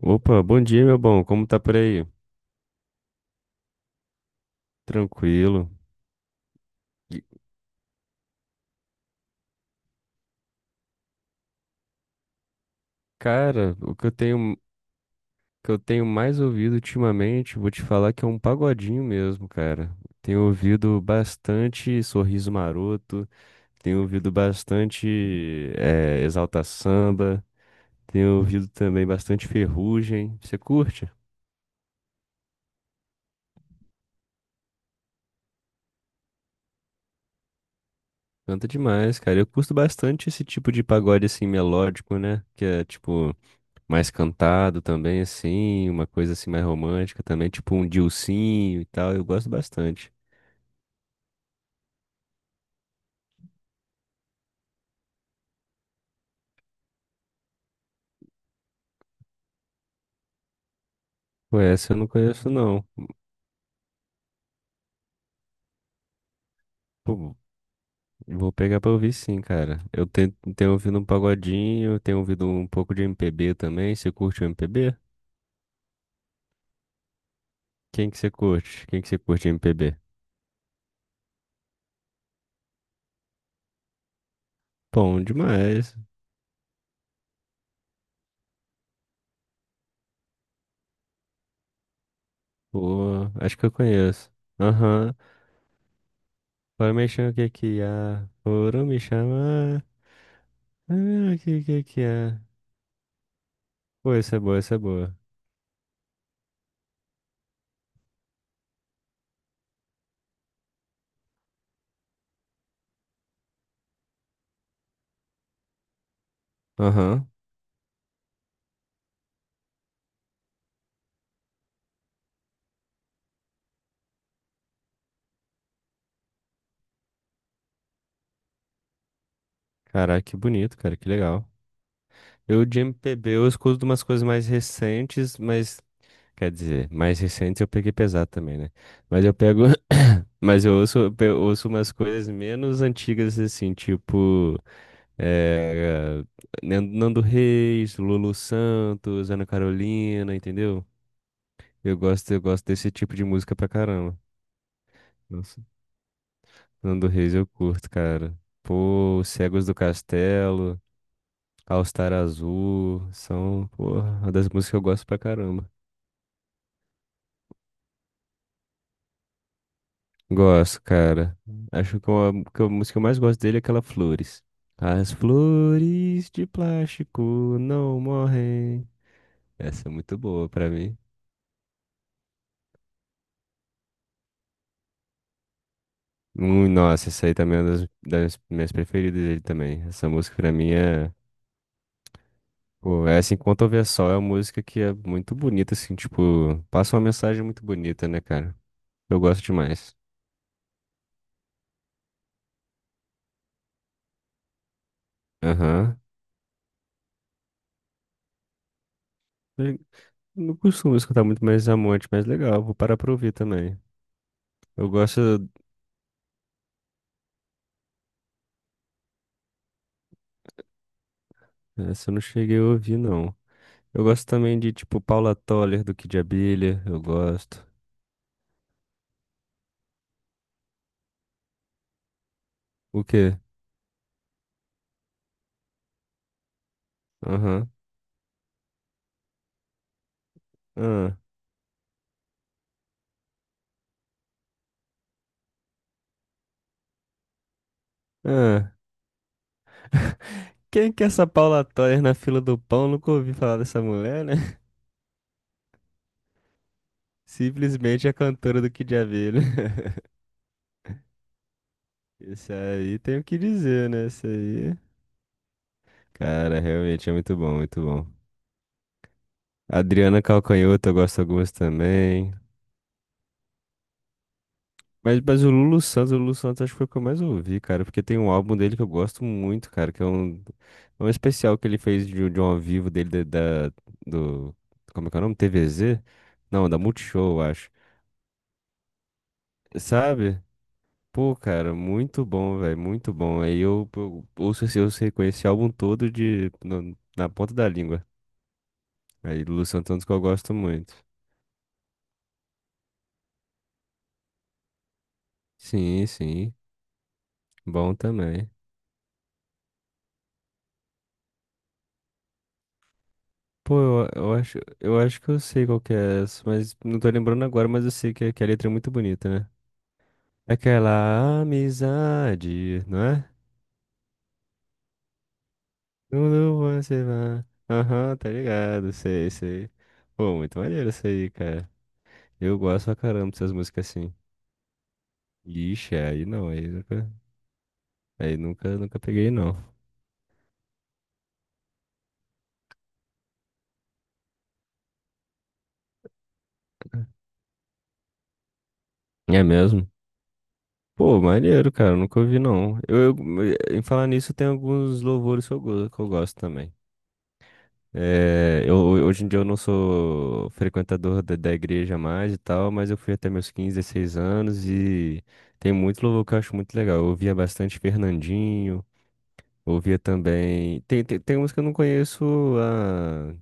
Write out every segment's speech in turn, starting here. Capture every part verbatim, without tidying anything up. Opa, bom dia, meu bom. Como tá por aí? Tranquilo. E, Cara, o que eu tenho, que eu tenho mais ouvido ultimamente, vou te falar que é um pagodinho mesmo, cara. Tenho ouvido bastante Sorriso Maroto, tenho ouvido bastante eh, Exalta Samba, tenho ouvido também bastante Ferrugem. Você curte? Canta demais, cara. Eu curto bastante esse tipo de pagode assim melódico, né? Que é tipo mais cantado também, assim, uma coisa assim mais romântica também, tipo um Dilsinho e tal, eu gosto bastante. Pô, essa eu não conheço não. Pô, vou pegar pra ouvir sim, cara. Eu tenho, tenho ouvido um pagodinho, eu tenho ouvido um pouco de M P B também. Você curte o M P B? Quem que você curte? Quem que você curte de M P B? Bom demais. Pô, acho que eu conheço. Aham. Foram me chamar, o que que há? Foram me chamar. Ah, o que que que há? Pô, essa é boa, essa é boa. Aham. Caraca, que bonito, cara, que legal. Eu de M P B eu escuto umas coisas mais recentes, mas quer dizer, mais recentes eu peguei pesado também, né? Mas eu pego, mas eu ouço, eu pe- ouço umas coisas menos antigas assim, tipo eh, Nan- Nando Reis, Lulu Santos, Ana Carolina, entendeu? Eu gosto, eu gosto desse tipo de música pra caramba. Nossa, Nando Reis eu curto, cara. Pô, Cegos do Castelo. All-Star Azul, são, porra, uma das músicas que eu gosto pra caramba. Gosto, cara. Acho que uma- que a música que eu mais gosto dele é aquela Flores. As flores de plástico não morrem. Essa é muito boa pra mim. Hum, nossa, essa aí também é uma das, das minhas preferidas dele também. Essa música pra mim é. Pô, essa Enquanto Houver Sol é uma música que é muito bonita, assim, tipo, passa uma mensagem muito bonita, né, cara? Eu gosto demais. Aham. Não costumo escutar muito mais Amonte, mas legal, vou parar pra ouvir também. Eu gosto, essa eu não cheguei a ouvir, não. Eu gosto também de, tipo, Paula Toller, do Kid Abelha, eu gosto. O quê? Aham, ah, ah. Quem que é essa Paula Toller na fila do pão? Nunca ouvi falar dessa mulher, né? Simplesmente a cantora do Kid Abelha. Isso aí tem o que dizer, né? Isso aí... Cara, realmente é muito bom, muito bom. Adriana Calcanhoto, eu gosto de algumas também. Mas, mas o Lulu Santos, o Lulu Santos acho que foi o que eu mais ouvi, cara, porque tem um álbum dele que eu gosto muito, cara, que é um, é um especial que ele fez de, de um ao vivo dele da, da- do, como é que é o nome? T V Z? Não, da Multishow, eu acho. Sabe? Pô, cara, muito bom, velho, muito bom. Aí eu, eu ouço esse, eu sei conhecer esse álbum todo de, no- na ponta da língua. Aí Lulu Santos é um dos que eu gosto muito. Sim, sim, bom também. Pô, eu, eu acho, eu acho que eu sei qual que é essa, mas não tô lembrando agora, mas eu sei que, que a letra é muito bonita, né? Aquela amizade, não é? Quando você vai. Aham, tá ligado, sei, sei. Pô, muito maneiro isso aí, cara. Eu gosto pra caramba dessas músicas assim. Ixi, aí não, aí nunca, aí nunca, nunca peguei, não. É mesmo? Pô, maneiro, cara, nunca ouvi, não. Eu, eu- em falar nisso, tem alguns louvores que eu, go- que eu gosto também. É, eu, hoje em dia eu não sou frequentador da, da igreja mais e tal, mas eu fui até meus quinze, dezesseis anos e tem muito louvor que eu acho muito legal. Eu ouvia bastante Fernandinho, ouvia também. Tem, tem, tem uns que eu não conheço a.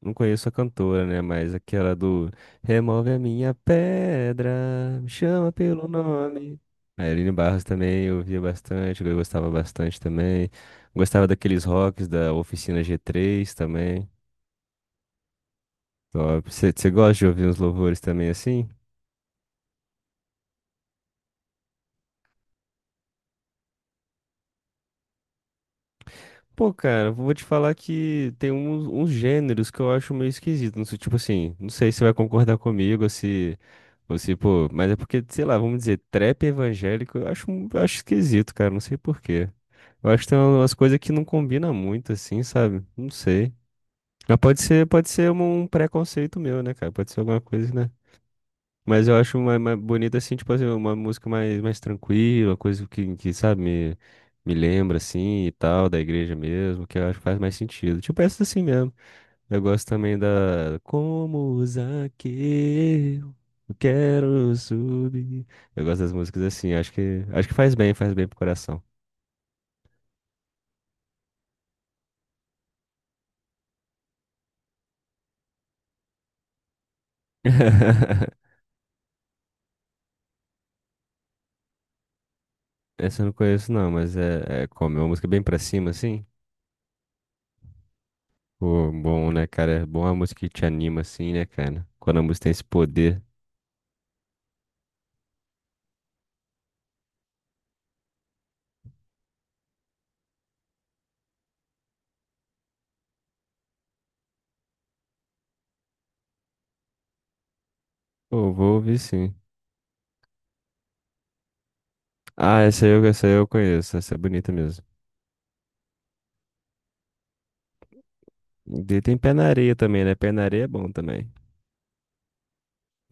Não conheço a cantora, né? Mas aquela do Remove a minha pedra, me chama pelo nome. A Aline Barros também eu ouvia bastante, eu gostava bastante também. Gostava daqueles rocks da Oficina G três também. Top. Você gosta de ouvir uns louvores também assim? Pô, cara, vou te falar que tem uns, uns gêneros que eu acho meio esquisito. Não sei, tipo assim, não sei se você vai concordar comigo, ou se, ou se, pô, mas é porque, sei lá, vamos dizer, trap evangélico, eu acho, um- eu acho esquisito, cara, não sei por quê. Eu acho que tem umas coisas que não combinam muito, assim, sabe? Não sei. Mas pode ser, pode ser um um preconceito meu, né, cara? Pode ser alguma coisa, né? Mas eu acho mais, mais bonita, assim, tipo assim, uma música mais, mais tranquila, coisa que, que, sabe, me, me lembra, assim, e tal, da igreja mesmo, que eu acho que faz mais sentido. Tipo essa assim mesmo. Eu gosto também da Como Zaqueu, eu quero subir. Eu gosto das músicas assim, acho que, acho que faz bem, faz bem pro coração. Essa eu não conheço não, mas é, é como, é uma música bem pra cima, assim. Pô, bom, né, cara? É bom a música que te anima, assim, né, cara? Quando a música tem esse poder. Pô, vou ouvir sim. Ah, essa eu, essa eu conheço, essa é bonita mesmo. Ele tem Pé na Areia também, né? Pé na Areia é bom também.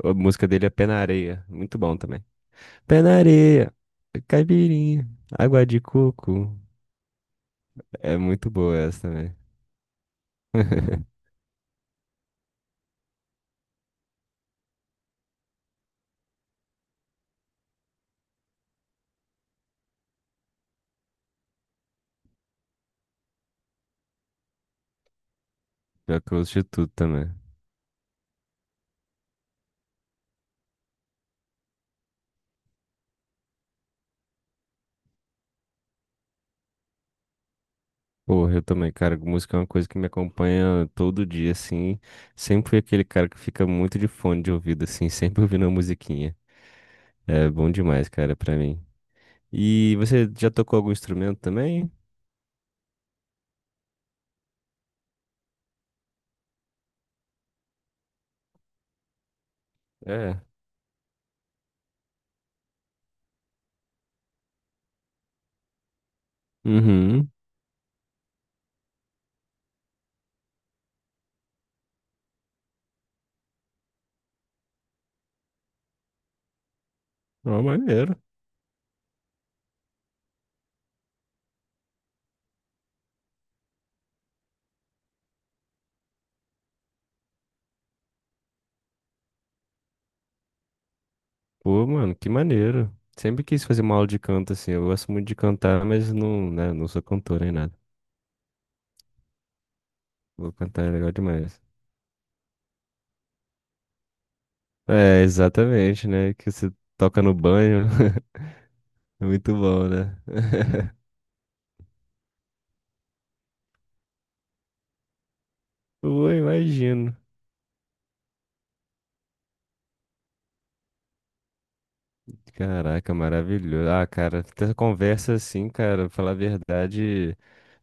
A música dele é Pé na Areia, muito bom também. Pé na Areia, caipirinha, água de coco. É muito boa essa também. Pior que eu ouço de tudo também. Porra, eu também, cara, música é uma coisa que me acompanha todo dia, assim. Sempre fui aquele cara que fica muito de fone de ouvido, assim, sempre ouvindo uma musiquinha. É bom demais, cara, pra mim. E você já tocou algum instrumento também? É. Uhum. Ó, maneiro. Pô, mano, que maneiro. Sempre quis fazer uma aula de canto, assim. Eu gosto muito de cantar, mas não, né, não sou cantor nem nada. Vou cantar é legal demais. É, exatamente, né? Que você toca no banho. É muito bom, né? Pô, imagino. Caraca, maravilhoso. Ah, cara, essa conversa assim, cara, pra falar a verdade,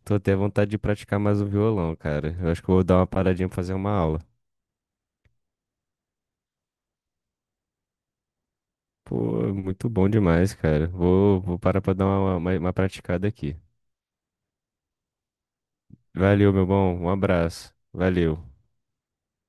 tô até à vontade de praticar mais o violão, cara. Eu acho que eu vou dar uma paradinha pra fazer uma aula. Pô, muito bom demais, cara. Vou, vou parar pra dar uma, uma uma praticada aqui. Valeu, meu bom. Um abraço. Valeu.